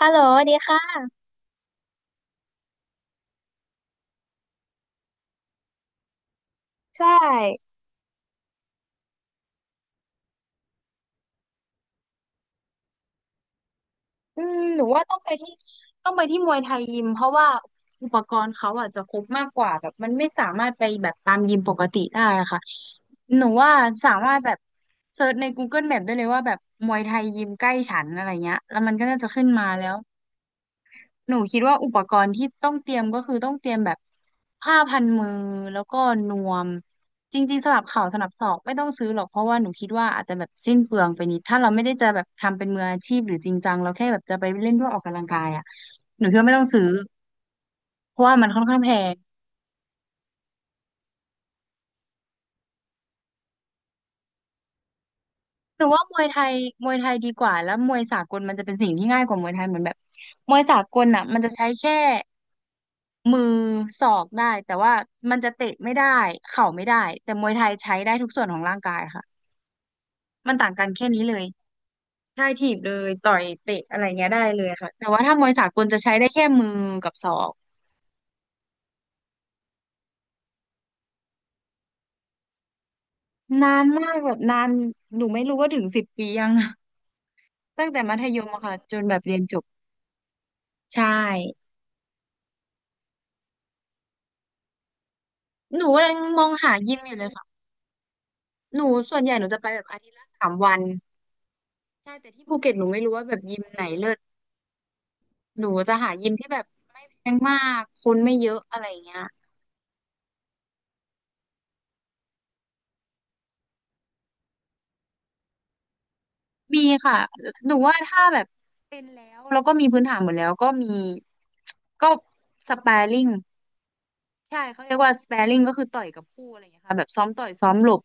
ฮัลโหลสวัสดีค่ะ ใช่อืมหนูว่าต้องไปที่มวยไทยยิม เพราะว่าอุปกรณ์เขาอาะจะครบมากกว่าแบบมันไม่สามารถไปแบบตามยิมปกติได้อะค่ะหนูว่าสามารถแบบเซิร์ชใน Google Map ได้เลยว่าแบบมวยไทยยิมใกล้ฉันอะไรเงี้ยแล้วมันก็น่าจะขึ้นมาแล้ว หนูคิดว่าอุปกรณ์ที่ต้องเตรียมก็คือต้องเตรียมแบบผ้าพันมือแล้วก็นวมจริงๆสลับเข่าสลับศอกไม่ต้องซื้อหรอกเพราะว่าหนูคิดว่าอาจจะแบบสิ้นเปลืองไปนิดถ้าเราไม่ได้จะแบบทำเป็นมืออาชีพหรือจริงจังเราแค่แบบจะไปเล่นเพื่อออกกำลังกายอ่ะหนูคิดว่าไม่ต้องซื้อเพราะว่ามันค่อนข้างแพงหนูว่ามวยไทยดีกว่าแล้วมวยสากลมันจะเป็นสิ่งที่ง่ายกว่ามวยไทยเหมือนแบบมวยสากลอ่ะมันจะใช้แค่ มือศอกได้แต่ว่ามันจะเตะไม่ได้เข่าไม่ได้แต่มวยไทยใช้ได้ทุกส่วนของร่างกายค่ะมันต่างกันแค่นี้เลยได้ถีบเลยต่อยเตะอะไรเงี้ยได้เลยค่ะแต่ว่าถ้ามวยสากลจะใช้ได้แค่มือกับศอกนานมากแบบนานหนูไม่รู้ว่าถึง10 ปียังอะ ตั้งแต่มัธยมอะค่ะจนแบบเรียนจบใช่หนูกำลังมองหายิมอยู่เลยค่ะหนูส่วนใหญ่หนูจะไปแบบอาทิตย์ละ3 วันใช่แต่ที่ภูเก็ตหนูไม่รู้ว่าแบบยิมไหนเลิศ หนูจะหายิมที่แบบไม่แพงมากคนไม่เยอะอะไรเงี้ยมีค่ะหนูว่าถ้าแบบเป็นแล้วแล้วก็มีพื้นฐานหมดแล้วก็มีก็สแปาริงใช่เขาเรียกว่าสแปรริงก็คือต่อยกับคู่อะไรอย่างเงี้ยค่ะแบบซ้อมต่อยซ้อมหลบ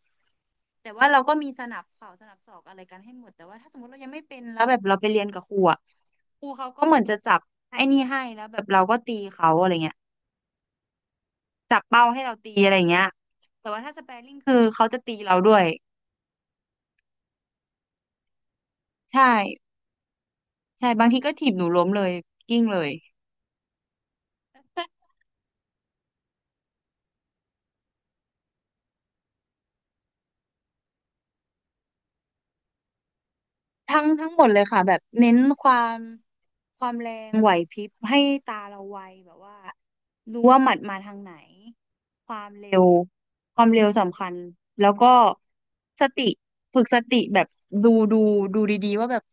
แต่ว่าเราก็มีสนับเข่าสนับศอกอะไรกันให้หมดแต่ว่าถ้าสมมติเรายังไม่เป็นแล้วแบบเราไปเรียนกับครูอ่ะครูเขาก็เหมือนจะจับไอ้นี่ให้แล้วแบบเราก็ตีเขาอะไรเงี้ยจับเป้าให้เราตีอะไรเงี้ยแต่ว่าถ้าสแปร์ริงคือเขาจะตีเราด้วยใช่ ใช่บางทีก็ถีบหนูล้มเลยกิ้งเลยทั้งหมดเลยค่ะแบบเน้นความแรงไหวพริบให้ตาเราไวแบบว่ารู้ว่าหมัดมาทางไหนความเร็วความเร็วสำคัญแล้วก็สติฝึกสติแบบดูดูดีๆว่าแบบ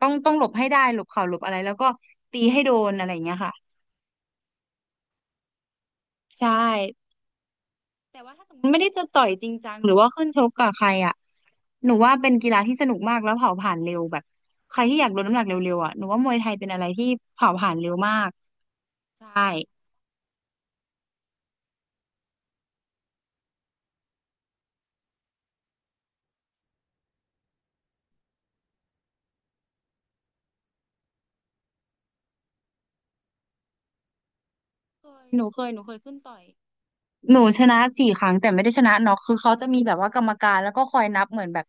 ต้องหลบให้ได้หลบเข่าหลบอะไรแล้วก็ตีให้โดนอะไรอย่างเงี้ยค่ะใช่ แต่ว่าถ้าสมมติไม่ได้จะต่อยจริงจังหรือว่าขึ้นชกกับใครอ่ะหนูว่าเป็นกีฬาที่สนุกมากแล้วเผาผลาญเร็วแบบใครที่อยากลดน้ำหนักเร็วๆอ่ะหนูว่ามวยไทยเป็นอะไรที่เผาผลาญเร็วมากใช่เคยหนูเคยหนูเคยขึ้นต่อยหนูชนะ4 ครั้งแต่ไม่ได้ชนะน็อกคือเขาจะมีแบบว่ากรรมการแล้วก็คอยนับเหมือนแบบ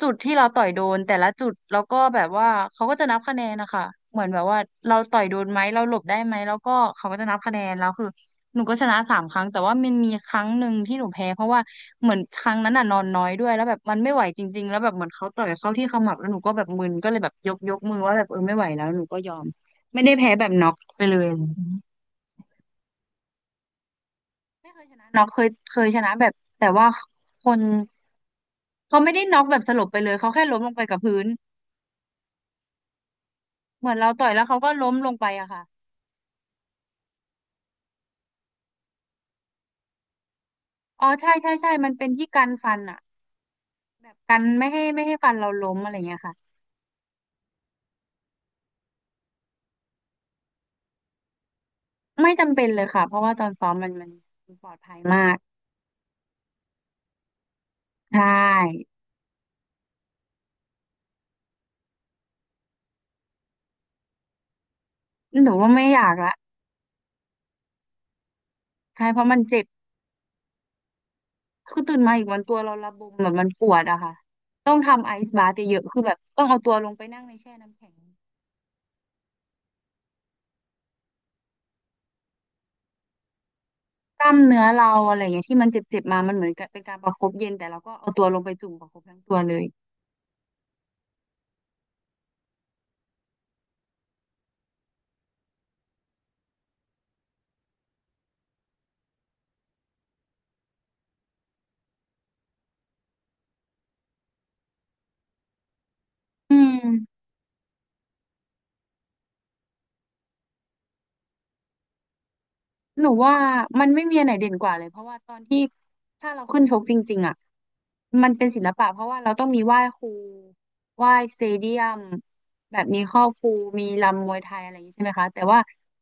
จุดที่เราต่อยโดนแต่ละจุดแล้วก็แบบว่าเขาก็จะนับคะแนนนะคะเหมือนแบบว่าเราต่อยโดนไหมเราหลบได้ไหมแล้วก็เขาก็จะนับคะแนนแล้วคือหนูก็ชนะ3 ครั้งแต่ว่ามันมีครั้งหนึ่งที่หนูแพ้เพราะว่าเหมือนครั้งนั้นน่ะนอนน้อยด้วยแล้วแบบมันไม่ไหวจริงๆแล้วแบบเหมือนเขาต่อยเข้าที่ขมับแล้วหนูก็แบบมึนก็เลยแบบยกมือว่าแบบเออไม่ไหวแล้วหนูก็ยอมไม่ได้แพ้แบบน็อกไปเลยไม่เคยชนะน็อกเคยชนะแบบแต่ว่าคนเขาไม่ได้น็อกแบบสลบไปเลยเขาแค่ล้มลงไปกับพื้น เหมือนเราต่อยแล้วเขาก็ล้มลงไปอะค่ะ อ๋อใช่ใช่ใช่มันเป็นที่กันฟันอะแบบกันไม่ให้ฟันเราล้มอะไรเงี้ยค่ะ ไม่จำเป็นเลยค่ะเพราะว่าตอนซ้อมมันปลอดภัยมาก ใช่หนูว่าไม่อยากละใช่เพราะมันเจ็บ คือตื่นมาอีกวันตัวเราระบมแบบมันปวดอะค่ะ ต้องทำไอซ์บาเยอะๆคือแบบต้องเอาตัวลงไปนั่งในแช่น้ำแข็งกล้ามเนื้อเราอะไรเงี้ยที่มันเจ็บๆมามันเหมือนกับเป็นการประคบเย็นแต่เราก็เอาตัวลงไปจุ่มประคบทั้งตัวเลยอืม หนูว่ามันไม่มีอันไหนเด่นกว่าเลยเพราะว่าตอนที่ถ้าเราขึ้นชกจริงๆอ่ะมันเป็นศิลปะเพราะว่าเราต้องมีไหว้ครูไหว้สเตเดียมแบบมีครอบครูมีรำมวยไทยอะไรอย่างนี้ใช่ไหมคะแต่ว่า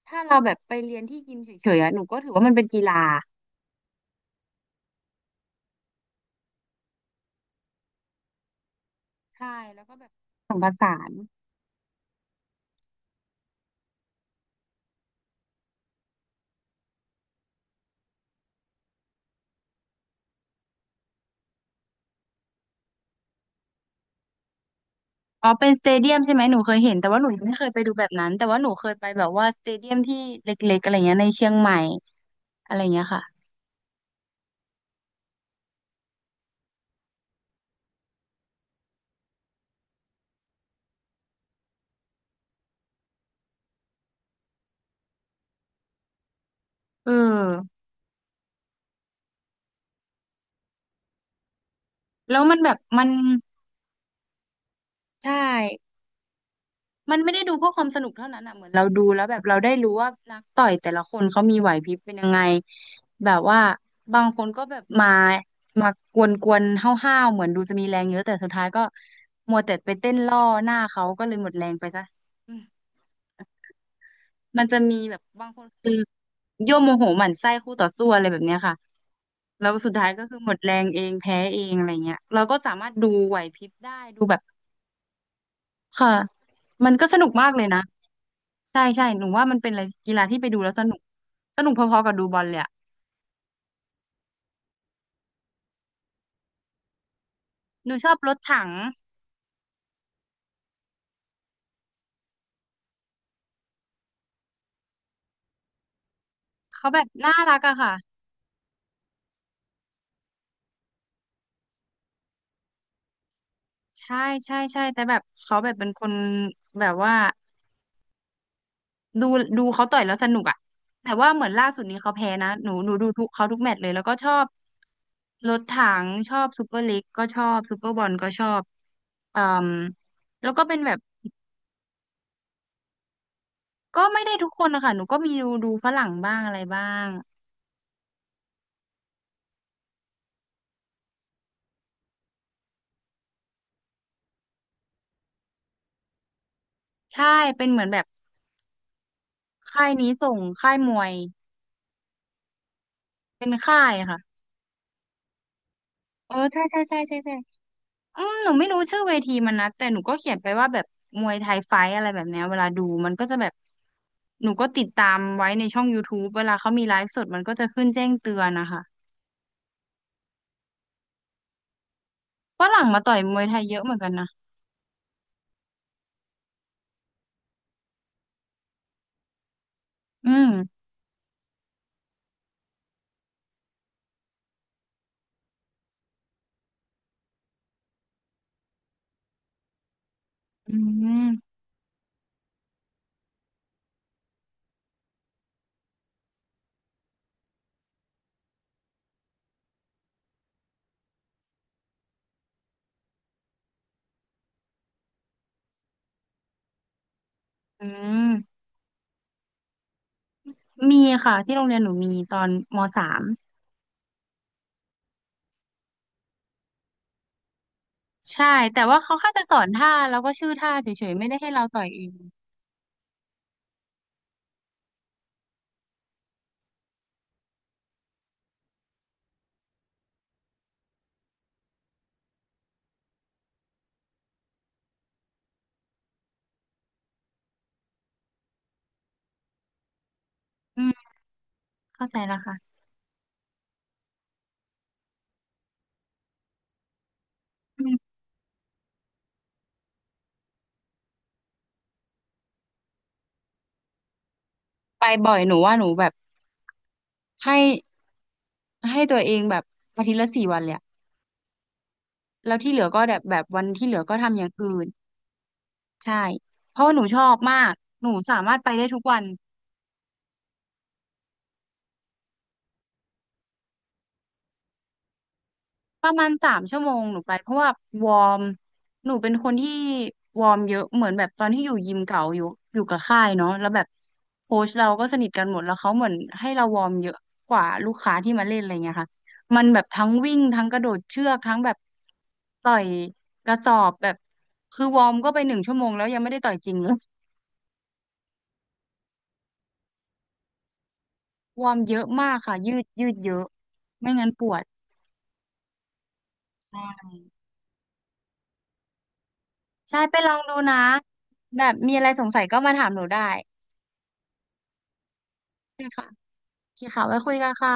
ถ้าเราแบบไปเรียนที่ยิมเฉยๆอ่ะหนูก็ถือว่ามันเป็นกีฬาใช่แล้วก็แบบผสมผสานอ๋อเป็นสเตเดียมใช่ไหมหนูเคยเห็นแต่ว่าหนูยังไม่เคยไปดูแบบนั้นแต่ว่าหนูเคยไปแบบว่าสเตเดียมที่เล็กๆอะไรเงี้ยในเชียงใหม่อะไรเงี้ยค่ะเออแล้วมันแบบมันใช่ มันไม่ได้ดูเพื่อความสนุกเท่านั้นอ่ะเหมือนเราดูแล้วแบบเราได้รู้ว่านักต่อยแต่ละคนเขามีไหวพริบเป็นยังไงแบบว่าบางคนก็แบบมามากวนๆห้าวๆเหมือนดูจะมีแรงเยอะแต่สุดท้ายก็มัวแต่ไปเต้นล่อหน้าเขาก็เลยหมดแรงไปซะอืมมันจะมีแบบบางคนคือยั่วโมโหหมั่นไส้คู่ต่อสู้อะไรแบบเนี้ยค่ะแล้วก็สุดท้ายก็คือหมดแรงเองแพ้เองอะไรเงี้ยเราก็สามารถดูไหวพริบได้ดูแบบค่ะมันก็สนุกมากเลยนะ ใช่ใช่หนูว่ามันเป็นอะไรกีฬาที่ไปดูแล้วสนุกสนุกพอๆกับดูบอลเลยอะหนูชอบรถถังเขาแบบน่ารักอะค่ะใช่ใช่ใช่แต่แบบเขาแบบเป็นคนแบบว่าดูดูเขาต่อยแล้วสนุกอะแต่ว่าเหมือนล่าสุดนี้เขาแพ้นะหนูดูทุกเขาทุกแมตช์เลยแล้วก็ชอบรถถังชอบซูเปอร์ลีกก็ชอบซูเปอร์บอลก็ชอบเอ่มแล้วก็เป็นแบบก็ไม่ได้ทุกคนนะคะหนูก็มีดูฝรั่งบ้างอะไรบ้างใช่เป็นเหมือนแบบค่ายนี้ส่งค่ายมวย เป็นค่ายค่ะ เออใช่ใช่ใช่ใช่ใช่อืมหนูไม่รู้ชื่อเวทีมันนะแต่หนูก็เขียนไปว่าแบบมวยไทยไฟท์อะไรแบบเนี้ยเวลาดูมันก็จะแบบหนูก็ติดตามไว้ในช่อง YouTube เวลาเขามีไลฟ์สดมันก็จะขึ้นแจ้งเตือนนะคะฝรั่งมาต่อยมวยไทยเยอะเหมือนกันนะ อืม อืม อืมมีค่ะที่โรงเรียนหนูมีตอนม.3ใช่แต่ว่าเขาแค่จะสอนท่าแล้วก็ชื่อท่าเฉยๆไม่ได้ให้เราต่อยเองอืมเข้าใจแล้วค่ะอืมไปบ่อยหนูว่าหนูแบบให้ ให้ตัวเองแบบอาทิตย์ละ4 วันเลยอะแล้วที่เหลือก็แบบแบบวันที่เหลือก็ทำอย่างอื่นใช่เพราะว่าหนูชอบมากหนูสามารถไปได้ทุกวันประมาณ3 ชั่วโมงหนูไปเพราะว่าวอร์มหนูเป็นคนที่วอร์มเยอะเหมือนแบบตอนที่อยู่ยิมเก่าอยู่กับค่ายเนาะแล้วแบบโค้ชเราก็สนิทกันหมดแล้วเขาเหมือนให้เราวอร์มเยอะกว่าลูกค้าที่มาเล่นอะไรเงี้ยค่ะมันแบบทั้งวิ่งทั้งกระโดดเชือกทั้งแบบต่อยกระสอบแบบคือวอร์มก็ไป1 ชั่วโมงแล้วยังไม่ได้ต่อยจริงเลย วอร์มเยอะมากค่ะยืดยืดเยอะไม่งั้นปวดมากใช่ไปลองดูนะแบบมีอะไรสงสัยก็มาถามหนูได้ใช่ค่ะโอเคค่ะไว้คุยกันค่ะ